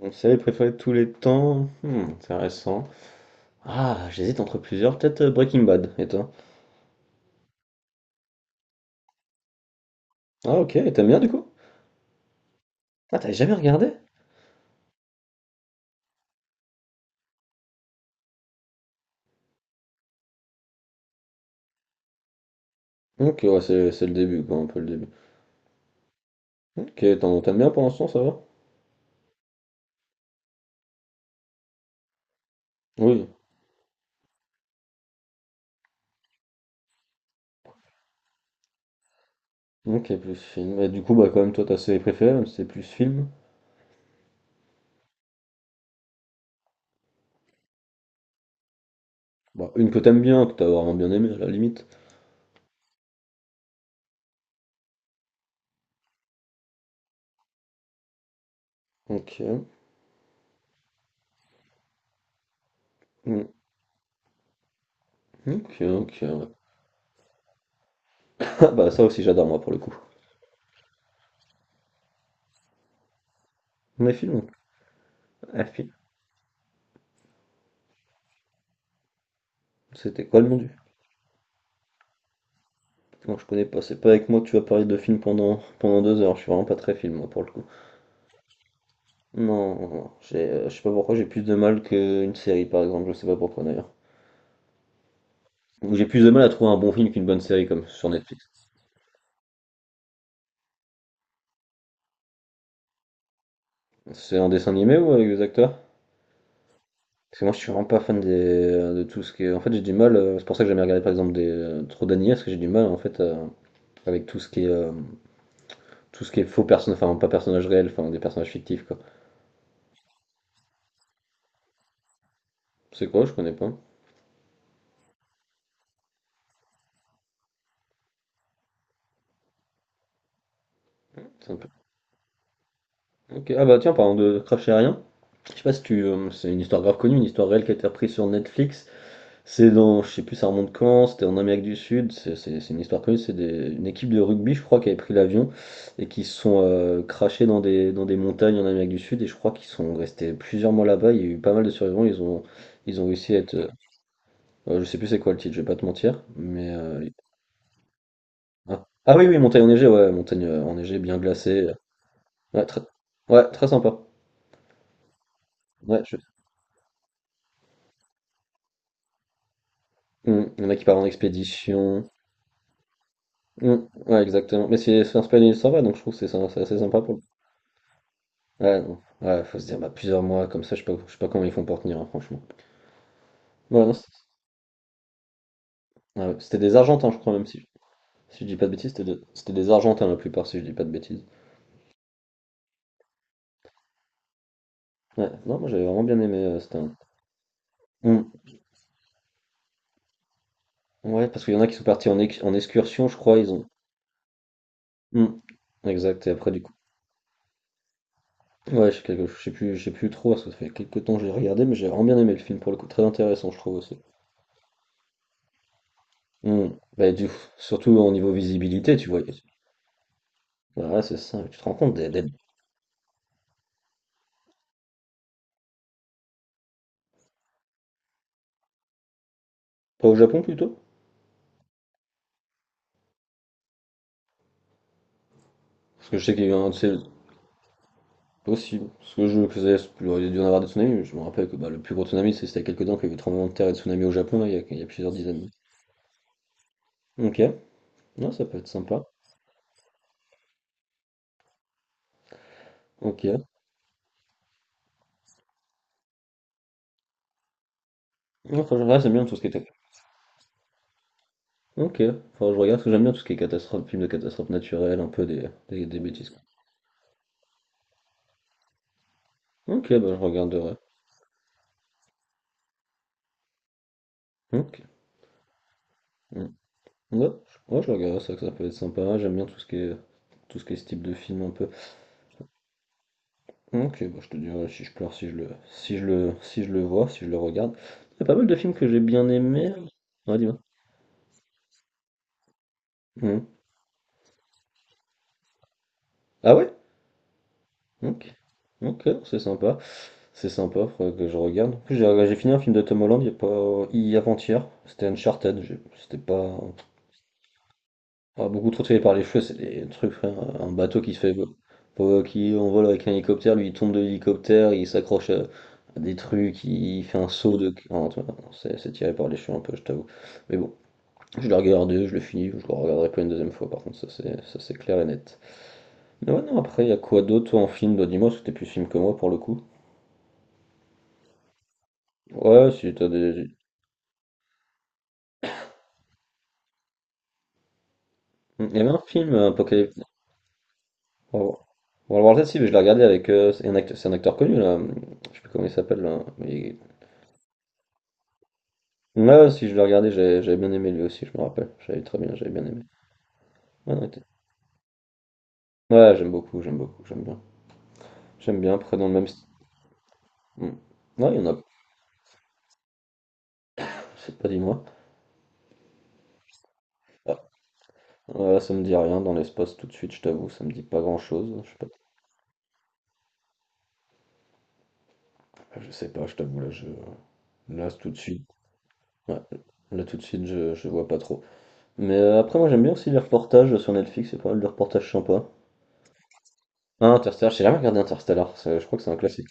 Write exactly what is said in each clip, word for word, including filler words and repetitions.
Mon série préférée de tous les temps? Hmm, intéressant. Ah, j'hésite entre plusieurs. Peut-être euh, Breaking Bad, et toi? Ah, ok, et t'aimes bien du coup? Ah, t'avais jamais regardé? Ok, ouais, c'est c'est le début, quoi, un peu le début. Ok, t'en- t'aimes bien pour l'instant, ça va? Oui. Ok, plus film. Et du coup, bah, quand même, toi, ta série préférée, même si c'est plus film. Bah, une que t'aimes bien, que t'as vraiment bien aimé, à la limite. Ok. Hmm, ok, ok, ouais. Ah, bah, ça aussi, j'adore, moi, pour le coup. Mes films? Ah, film. C'était quoi le nom du non, je connais pas, c'est pas avec moi que tu vas parler de films pendant, pendant deux heures, je suis vraiment pas très film moi pour le coup. Non, non, non, j'ai- euh, je sais pas pourquoi j'ai plus de mal qu'une série par exemple, je sais pas pourquoi d'ailleurs. Ou j'ai plus de mal à trouver un bon film qu'une bonne série comme sur Netflix. C'est un dessin animé ou avec des acteurs? Parce que moi je suis vraiment pas fan des, euh, de tout ce qui est. En fait j'ai du mal, euh, c'est pour ça que j'aime regarder par exemple des euh, trop d'animés, parce que j'ai du mal en fait euh, avec tout ce qui est euh, tout ce qui est faux personnages, enfin pas personnages réels, enfin des personnages fictifs quoi. C'est quoi? Je connais pas. C'est un peu- Ok, ah bah tiens, parlant de crash aérien, je sais pas si tu. Euh, c'est une histoire grave connue, une histoire réelle qui a été reprise sur Netflix. C'est dans. Je sais plus, ça remonte quand, c'était en Amérique du Sud. C'est c'est- c'est une histoire connue, c'est des- une équipe de rugby, je crois, qui avait pris l'avion et qui se sont euh, crashés dans des, dans des montagnes en Amérique du Sud. Et je crois qu'ils sont restés plusieurs mois là-bas. Il y a eu pas mal de survivants. Ils ont, ils ont réussi à être. Euh, euh, je sais plus c'est quoi le titre, je vais pas te mentir. Mais. Euh, ah, ah oui, oui, montagne enneigée, ouais, montagne euh, enneigée, bien glacée. Ouais, très, ouais, très sympa. Ouais, je- Mmh. Il y en a qui partent en expédition. Mmh. Ouais, exactement. Mais c'est c'est inspiré d'une histoire vraie, donc je trouve que c'est c'est assez sympa pour le- ouais, non. Ouais, faut se dire, bah, plusieurs mois comme ça, je sais pas, je sais pas comment ils font pour tenir, hein, franchement. Ouais, non, c'est- Ah ouais, c'était des Argentins, je crois, même si, si je dis pas de bêtises, c'était des, c'était des Argentins la plupart, si je dis pas de bêtises. Ouais, non, moi j'avais vraiment bien aimé, euh, c'était un- Mmh. Ouais, parce qu'il y en a qui sont partis en, ex- en excursion, je crois, ils ont. Mmh. Exact, et après, du coup. Ouais, je sais, quelque- je sais plus, je sais plus trop, parce que ça fait quelques temps que j'ai regardé, mais j'ai vraiment bien aimé le film pour le coup, très intéressant, je trouve aussi. Hmm. Bah, du Surtout au niveau visibilité, tu vois. Ouais, c'est ça. Tu te rends compte d'être d'être pas au Japon plutôt? Parce que je sais qu'il y a eu un, c'est possible. Parce que je faisais, il aurait dû en avoir des tsunamis. Je me rappelle que bah, le plus gros tsunami, c'est- c'était il y a quelques temps qu'il y a eu tremblement de terre et de tsunami au Japon, là, il y a, il y a plusieurs dizaines d'années. Ok, non, ça peut être sympa. Ok. Non, franchement, là, j'aime bien tout ce qui est. Ok, enfin, je regarde parce que j'aime bien tout ce qui est catastrophe, film de catastrophe naturelle, un peu des, des, des bêtises. Quoi. Ok, bah, je regarderai. Ok. Hmm. Ouais, ouais, je regarde ça, que ça peut être sympa. J'aime bien tout ce qui est tout ce qui est ce type de film un peu. Ok, bah, je te dirai si je pleure, si je le, si je le, si je le vois, si je le regarde. Il y a pas mal de films que j'ai bien aimés. Ouais, dis-moi. Mhm. Ah ouais? Ok. Ok, c'est sympa. C'est sympa, faudrait que je regarde. En plus, j'ai j'ai fini un film de Tom Holland il y a pas, hi- avant-hier. C'était Uncharted. j'ai- C'était pas, ah, beaucoup trop tiré par les cheveux, c'est des trucs, frère. Un bateau qui se fait, euh, qui en vole avec un hélicoptère, lui il tombe de l'hélicoptère, il s'accroche à, à des trucs, il fait un saut de. Ah, tu vois, c'est c'est tiré par les cheveux un peu, je t'avoue. Mais bon, je l'ai regardé, je l'ai fini, je le regarderai pas une deuxième fois, par contre, ça c'est ça, c'est clair et net. Mais ouais, non, après, il y a quoi d'autre toi, en film? Bah, dis-moi, parce que t'es plus film que moi pour le coup. Ouais, si t'as des. Il y avait un film, euh, Apocalypse. On va voir on va voir ça si, mais je l'ai regardé avec. Euh, c'est un acteur, c'est un acteur connu là, je sais plus comment il s'appelle là. Il, ouais, ouais, si je le regardais, j'avais j'avais bien aimé lui aussi, je me rappelle. J'avais très bien, j'avais bien aimé. Ouais, non, il était- Ouais, j'aime beaucoup, j'aime beaucoup, j'aime bien. J'aime bien, après dans le même style. Ouais, il y en a, je sais pas, dis-moi. Ah, ouais, ça me dit rien, dans l'espace tout de suite, je t'avoue, ça me dit pas grand-chose. Je sais pas, je sais pas, je t'avoue, là, je... là tout de suite. Ouais, là tout de suite, je, je vois pas trop. Mais euh, après, moi j'aime bien aussi les reportages sur Netflix, c'est pas mal de reportages sympas. Ah, Interstellar, j'ai jamais regardé Interstellar, c'est- je crois que c'est un classique.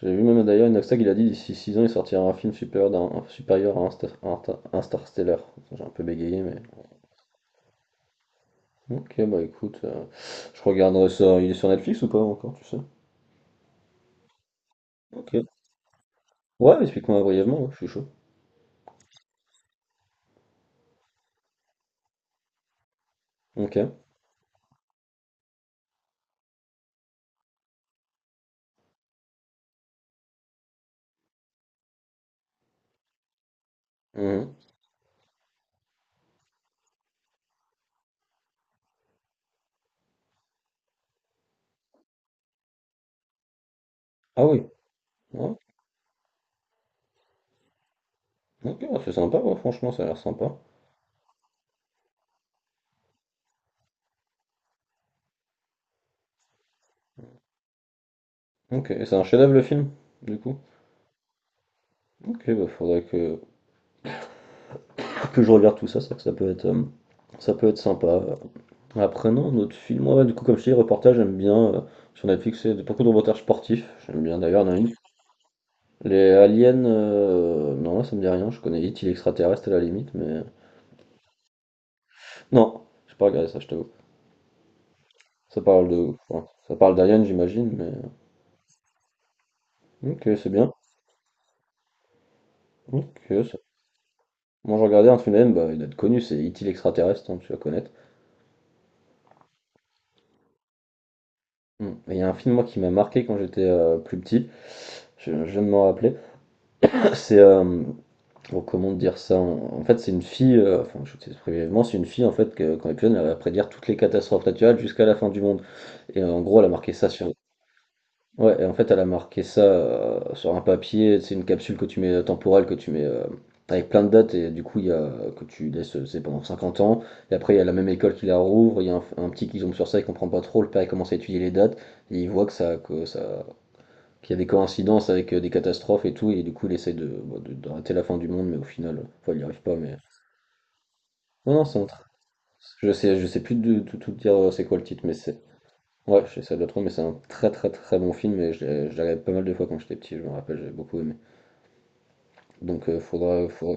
J'ai vu même d'ailleurs Inoxtag, il a dit d'ici six ans, il sortira un film supérieur, d'un- supérieur à Insta- Insta- Interstellar. J'ai un peu bégayé, mais. Bon. Ok, bah écoute, euh, je regarderai ça. Il est sur Netflix ou pas encore, tu sais? Ok. Ouais, explique-moi brièvement, ouais, je suis chaud. Ok. Mhm. Ah oui. Ouais. Ok, c'est sympa, ouais, franchement, ça a l'air sympa. Ok, et c'est un chef-d'œuvre le film, du coup. Ok, bah faudrait que. Que je regarde tout ça, c'est ça peut être, euh, ça peut être sympa. Après, non, notre film, ouais, du coup, comme je te dis, reportage, j'aime bien. Euh, sur Netflix, c'est beaucoup de reportages sportifs. J'aime bien d'ailleurs, il y en a une. Les aliens, euh, non, là, ça me dit rien. Je connais It, il est extraterrestre à la limite, mais. Non, j'ai pas regardé ça, je t'avoue. Ça parle de. Enfin, ça parle d'aliens, j'imagine, mais. Ok, c'est bien. Ok, ça- Moi, j'ai regardé un film d'aliens, bah, il doit être connu, c'est It, il est extraterrestre, hein, tu vas connaître. Hmm. Et il y a un film, moi, qui m'a marqué quand j'étais euh, plus petit. Je, je viens de m'en rappeler. C'est. Euh, bon, comment dire ça? En, en fait, c'est une fille, euh, enfin, je sais brièvement, c'est une fille, en fait, que, quand elle est plus jeune, elle va prédire toutes les catastrophes naturelles jusqu'à la fin du monde. Et euh, en gros, elle a marqué ça sur. Ouais, et en fait, elle a marqué ça euh, sur un papier, c'est une capsule que tu mets euh, temporelle, que tu mets euh, avec plein de dates, et du coup, il y a, que tu laisses, euh, c'est pendant cinquante ans. Et après, il y a la même école qui la rouvre, il y a un, un petit qui tombe sur ça, il comprend pas trop, le père, il commence à étudier les dates, et il voit que ça, que ça, qu'il y a des coïncidences avec euh, des catastrophes et tout, et du coup il essaie de, bon, de- d'arrêter la fin du monde, mais au final, euh, enfin, il n'y arrive pas, mais. Non, non, c'est un tr- Je sais, je sais plus de tout, tout dire euh, c'est quoi le titre, mais c'est. Ouais, je sais ça doit trop, mais c'est un très très très bon film et je l'ai je l'ai regardé pas mal de fois quand j'étais petit, je me rappelle, j'avais beaucoup aimé. Donc euh, faudra, faudra.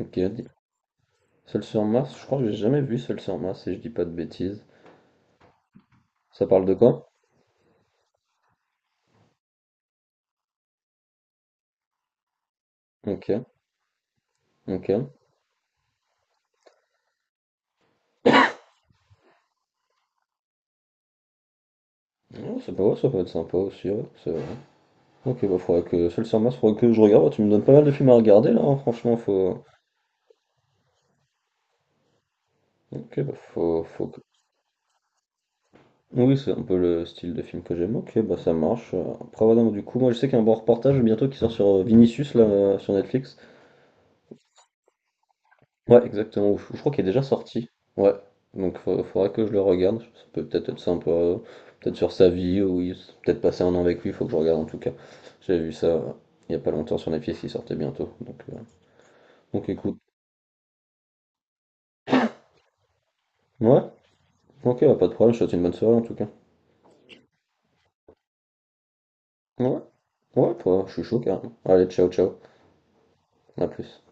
Ok, dis- Seul sur Mars, je crois que j'ai jamais vu Seul sur Mars, si je dis pas de bêtises. Ça parle de quoi? Ok, ok. Oh, ça peut, ça peut être sympa aussi, ouais, ça- ok, bah faudrait que seul sur Mars, faudrait que je regarde. Tu me donnes pas mal de films à regarder là, hein, franchement, faut. Ok, bah faut, faut que- Oui, c'est un peu le style de film que j'aime. Ok, bah ça marche. Euh, Après, voilà, du coup, moi je sais qu'il y a un bon reportage bientôt qui sort sur euh, Vinicius là, euh, sur Netflix. Ouais, exactement. Je, je crois qu'il est déjà sorti. Ouais. Donc fa- faudra que je le regarde. Ça peut peut-être être sympa. euh, Peut-être sur sa vie, ou il- peut-être passer un an avec lui, faut que je regarde en tout cas. J'ai vu ça euh, il y a pas longtemps sur Netflix, il sortait bientôt. Donc, euh, donc écoute. Ouais, ok, bah, pas de problème, je te souhaite une bonne soirée en tout cas. Ouais, ouais, bah, je suis chaud carrément. Allez, ciao, ciao, à plus.